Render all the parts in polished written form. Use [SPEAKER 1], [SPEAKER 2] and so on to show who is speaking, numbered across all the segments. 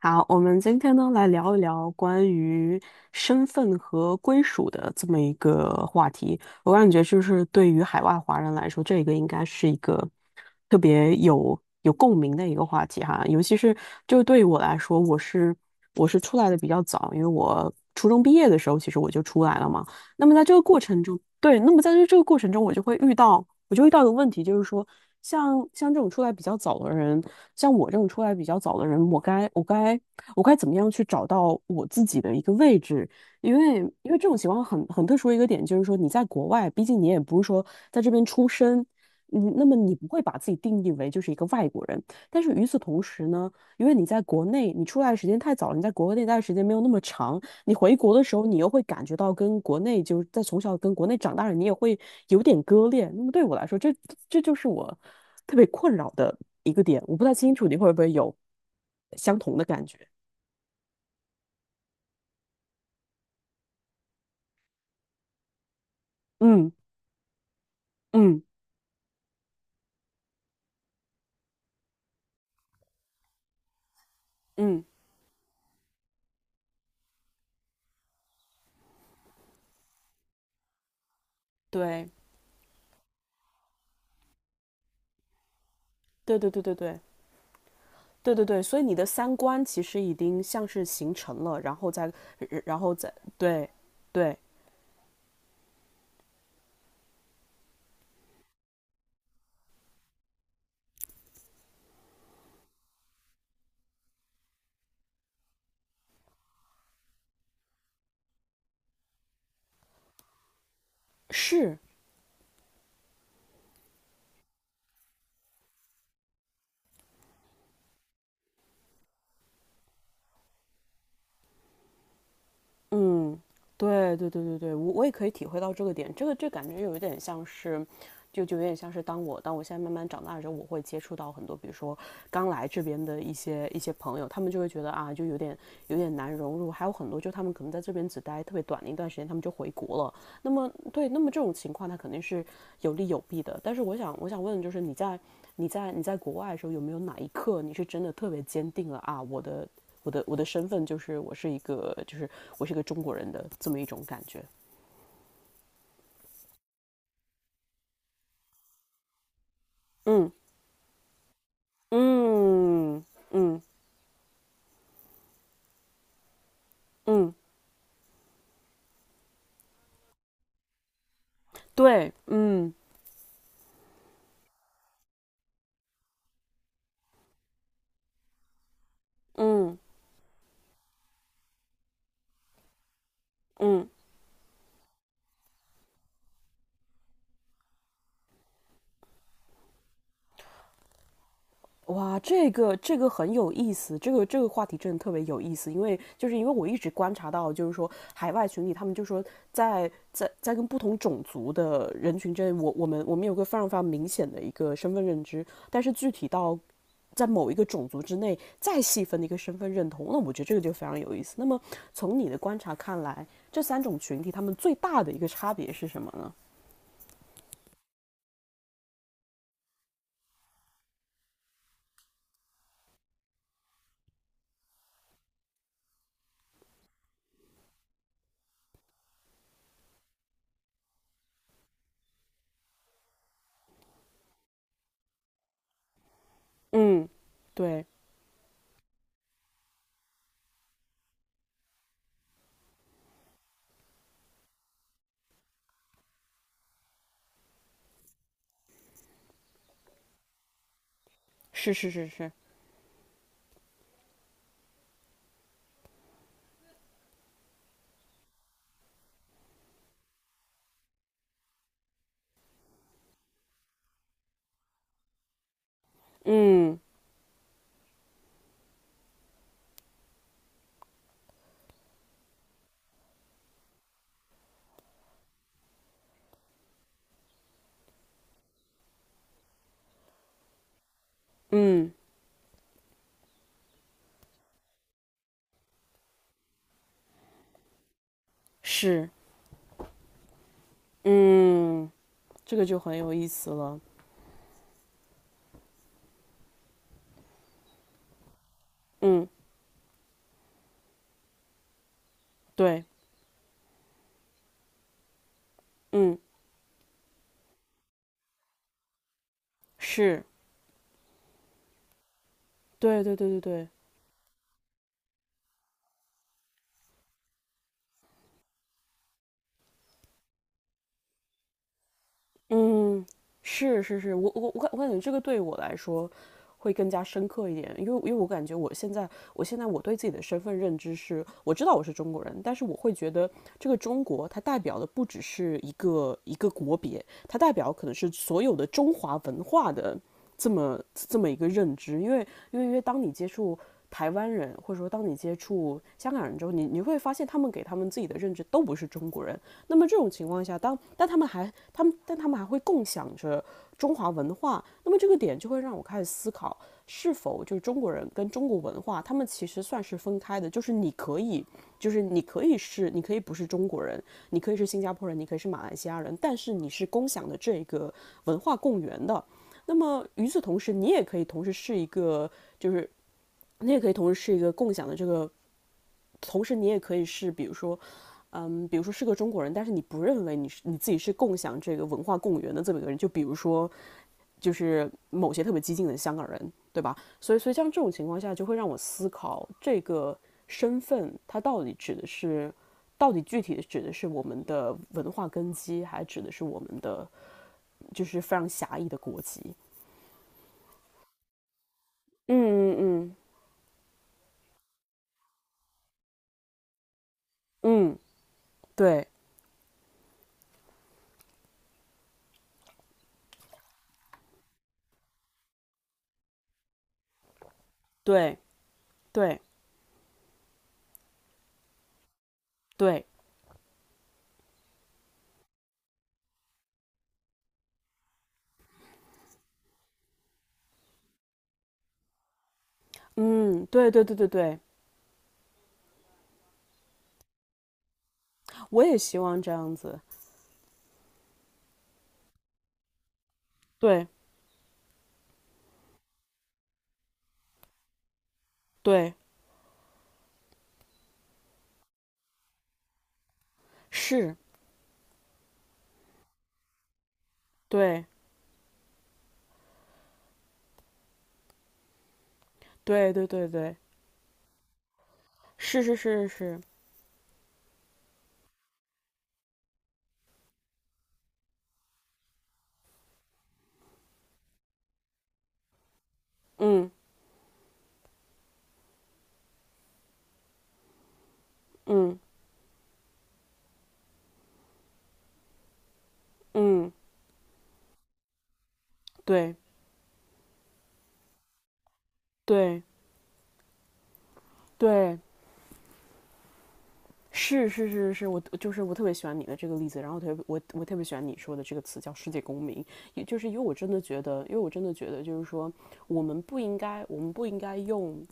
[SPEAKER 1] 好，我们今天呢来聊一聊关于身份和归属的这么一个话题。我感觉就是对于海外华人来说，这个应该是一个特别有共鸣的一个话题哈。尤其是就对于我来说，我是出来的比较早，因为我初中毕业的时候其实我就出来了嘛。那么在这个过程中，对，那么在这个过程中，我就遇到一个问题，就是说，像这种出来比较早的人，像我这种出来比较早的人，我该怎么样去找到我自己的一个位置？因为因为这种情况很特殊的一个点，就是说你在国外，毕竟你也不是说在这边出生。嗯，那么你不会把自己定义为就是一个外国人，但是与此同时呢，因为你在国内，你出来的时间太早了，你在国内待的时间没有那么长，你回国的时候，你又会感觉到跟国内就是在从小跟国内长大的人你也会有点割裂。那么对我来说，这就是我特别困扰的一个点。我不太清楚你会不会有相同的感觉。嗯嗯嗯，对对对对对对对对对，所以你的三观其实已经像是形成了，然后再对对是。嗯，对对对对对，我也可以体会到这个点，这个这感觉有一点像是，就有点像是当我现在慢慢长大之后，我会接触到很多，比如说刚来这边的一些朋友，他们就会觉得啊，就有点难融入，还有很多就他们可能在这边只待特别短的一段时间，他们就回国了，那么对，那么这种情况它肯定是有利有弊的。但是我想问，就是你在国外的时候，有没有哪一刻你是真的特别坚定了啊，我的身份就是我是一个就是我是一个中国人的这么一种感觉？嗯嗯嗯嗯，对，嗯嗯嗯。哇，这个很有意思，这个话题真的特别有意思，因为就是因为我一直观察到，就是说海外群体，他们就说在在跟不同种族的人群之间，我们有个非常非常明显的一个身份认知，但是具体到在某一个种族之内再细分的一个身份认同，那我觉得这个就非常有意思。那么从你的观察看来，这三种群体他们最大的一个差别是什么呢？嗯，对，是是是是，嗯嗯是。嗯，这个就很有意思了。嗯，对，嗯，是，对对对对对。嗯，是是是，我感觉这个对我来说会更加深刻一点，因为我感觉我现在我对自己的身份认知是，我知道我是中国人，但是我会觉得这个中国它代表的不只是一个国别，它代表可能是所有的中华文化的这么一个认知，因为当你接触台湾人，或者说当你接触香港人之后，你会发现他们给他们自己的认知都不是中国人，那么这种情况下，当但他们还他们但他们还会共享着中华文化，那么这个点就会让我开始思考，是否就是中国人跟中国文化，他们其实算是分开的，就是你可以是，你可以不是中国人，你可以是新加坡人，你可以是马来西亚人，但是你是共享的这个文化共源的。那么与此同时，你也可以同时是一个，就是你也可以同时是一个共享的这个，同时你也可以是，比如说嗯，比如说是个中国人，但是你不认为你自己是共享这个文化共源的这么一个人，就比如说就是某些特别激进的香港人，对吧？所以，所以像这种情况下，就会让我思考这个身份它到底指的是，到底具体的指的是我们的文化根基，还指的是我们的就是非常狭义的国籍？嗯嗯嗯嗯，对对对对，嗯对对对对对，我也希望这样子，对对是。对对对对对，是是是是，嗯嗯嗯，对对对，是是是是，我就是我特别喜欢你的这个例子，然后特别我特别喜欢你说的这个词叫世界公民，也就是因为我真的觉得，因为我真的觉得就是说，我们不应该用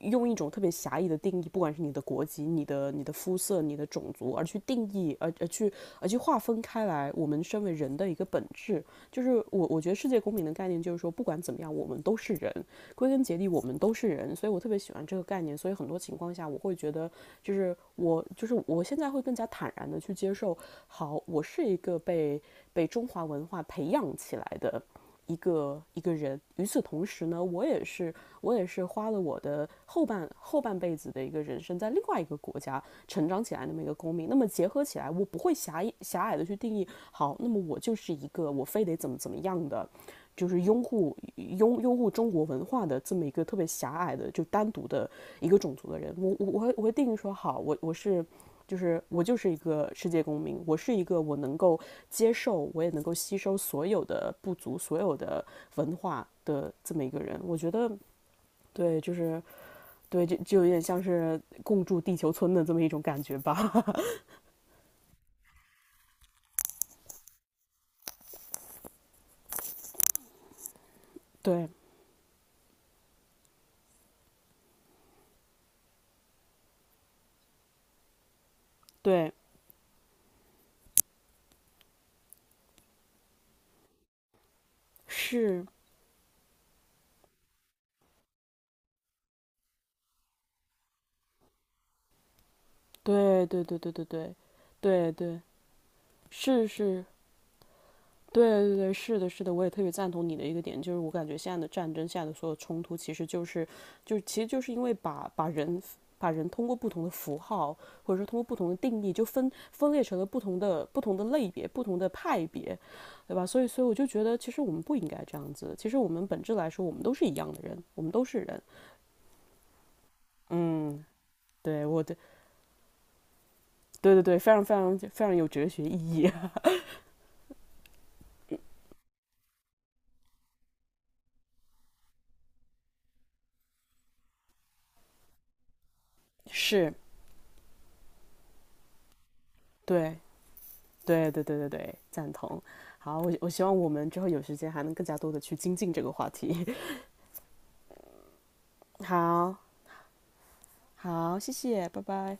[SPEAKER 1] 一种特别狭义的定义，不管是你的国籍、你的、你的肤色、你的种族，而去定义，而去划分开来，我们身为人的一个本质，就是我觉得世界公民的概念就是说，不管怎么样，我们都是人，归根结底我们都是人，所以我特别喜欢这个概念，所以很多情况下我会觉得，就是我现在会更加坦然的去接受，好，我是一个被被中华文化培养起来的一个人。与此同时呢，我也是花了我的后半辈子的一个人生，在另外一个国家成长起来那么一个公民。那么结合起来，我不会狭隘的去定义，好，那么我就是一个我非得怎么样的，就是拥护中国文化的这么一个特别狭隘的就单独的一个种族的人。我定义说，好，我就是我就是一个世界公民，我是一个我能够接受，我也能够吸收所有的不足、所有的文化的这么一个人。我觉得，对，就是对，就有点像是共筑地球村的这么一种感觉吧。对，对，是，对，对，对，对，对，对，对，对，是是，对对对，是的，是的，我也特别赞同你的一个点，就是我感觉现在的战争，现在的所有冲突，其实就是，其实就是因为把人通过不同的符号，或者说通过不同的定义，就分裂成了不同的类别、不同的派别，对吧？所以，所以我就觉得，其实我们不应该这样子。其实我们本质来说，我们都是一样的人，我们都是人。嗯，对，我的，对对对，非常非常非常有哲学意义，是对。对对对对对，赞同。好，我希望我们之后有时间还能更加多的去精进这个话题。好，好，谢谢，拜拜。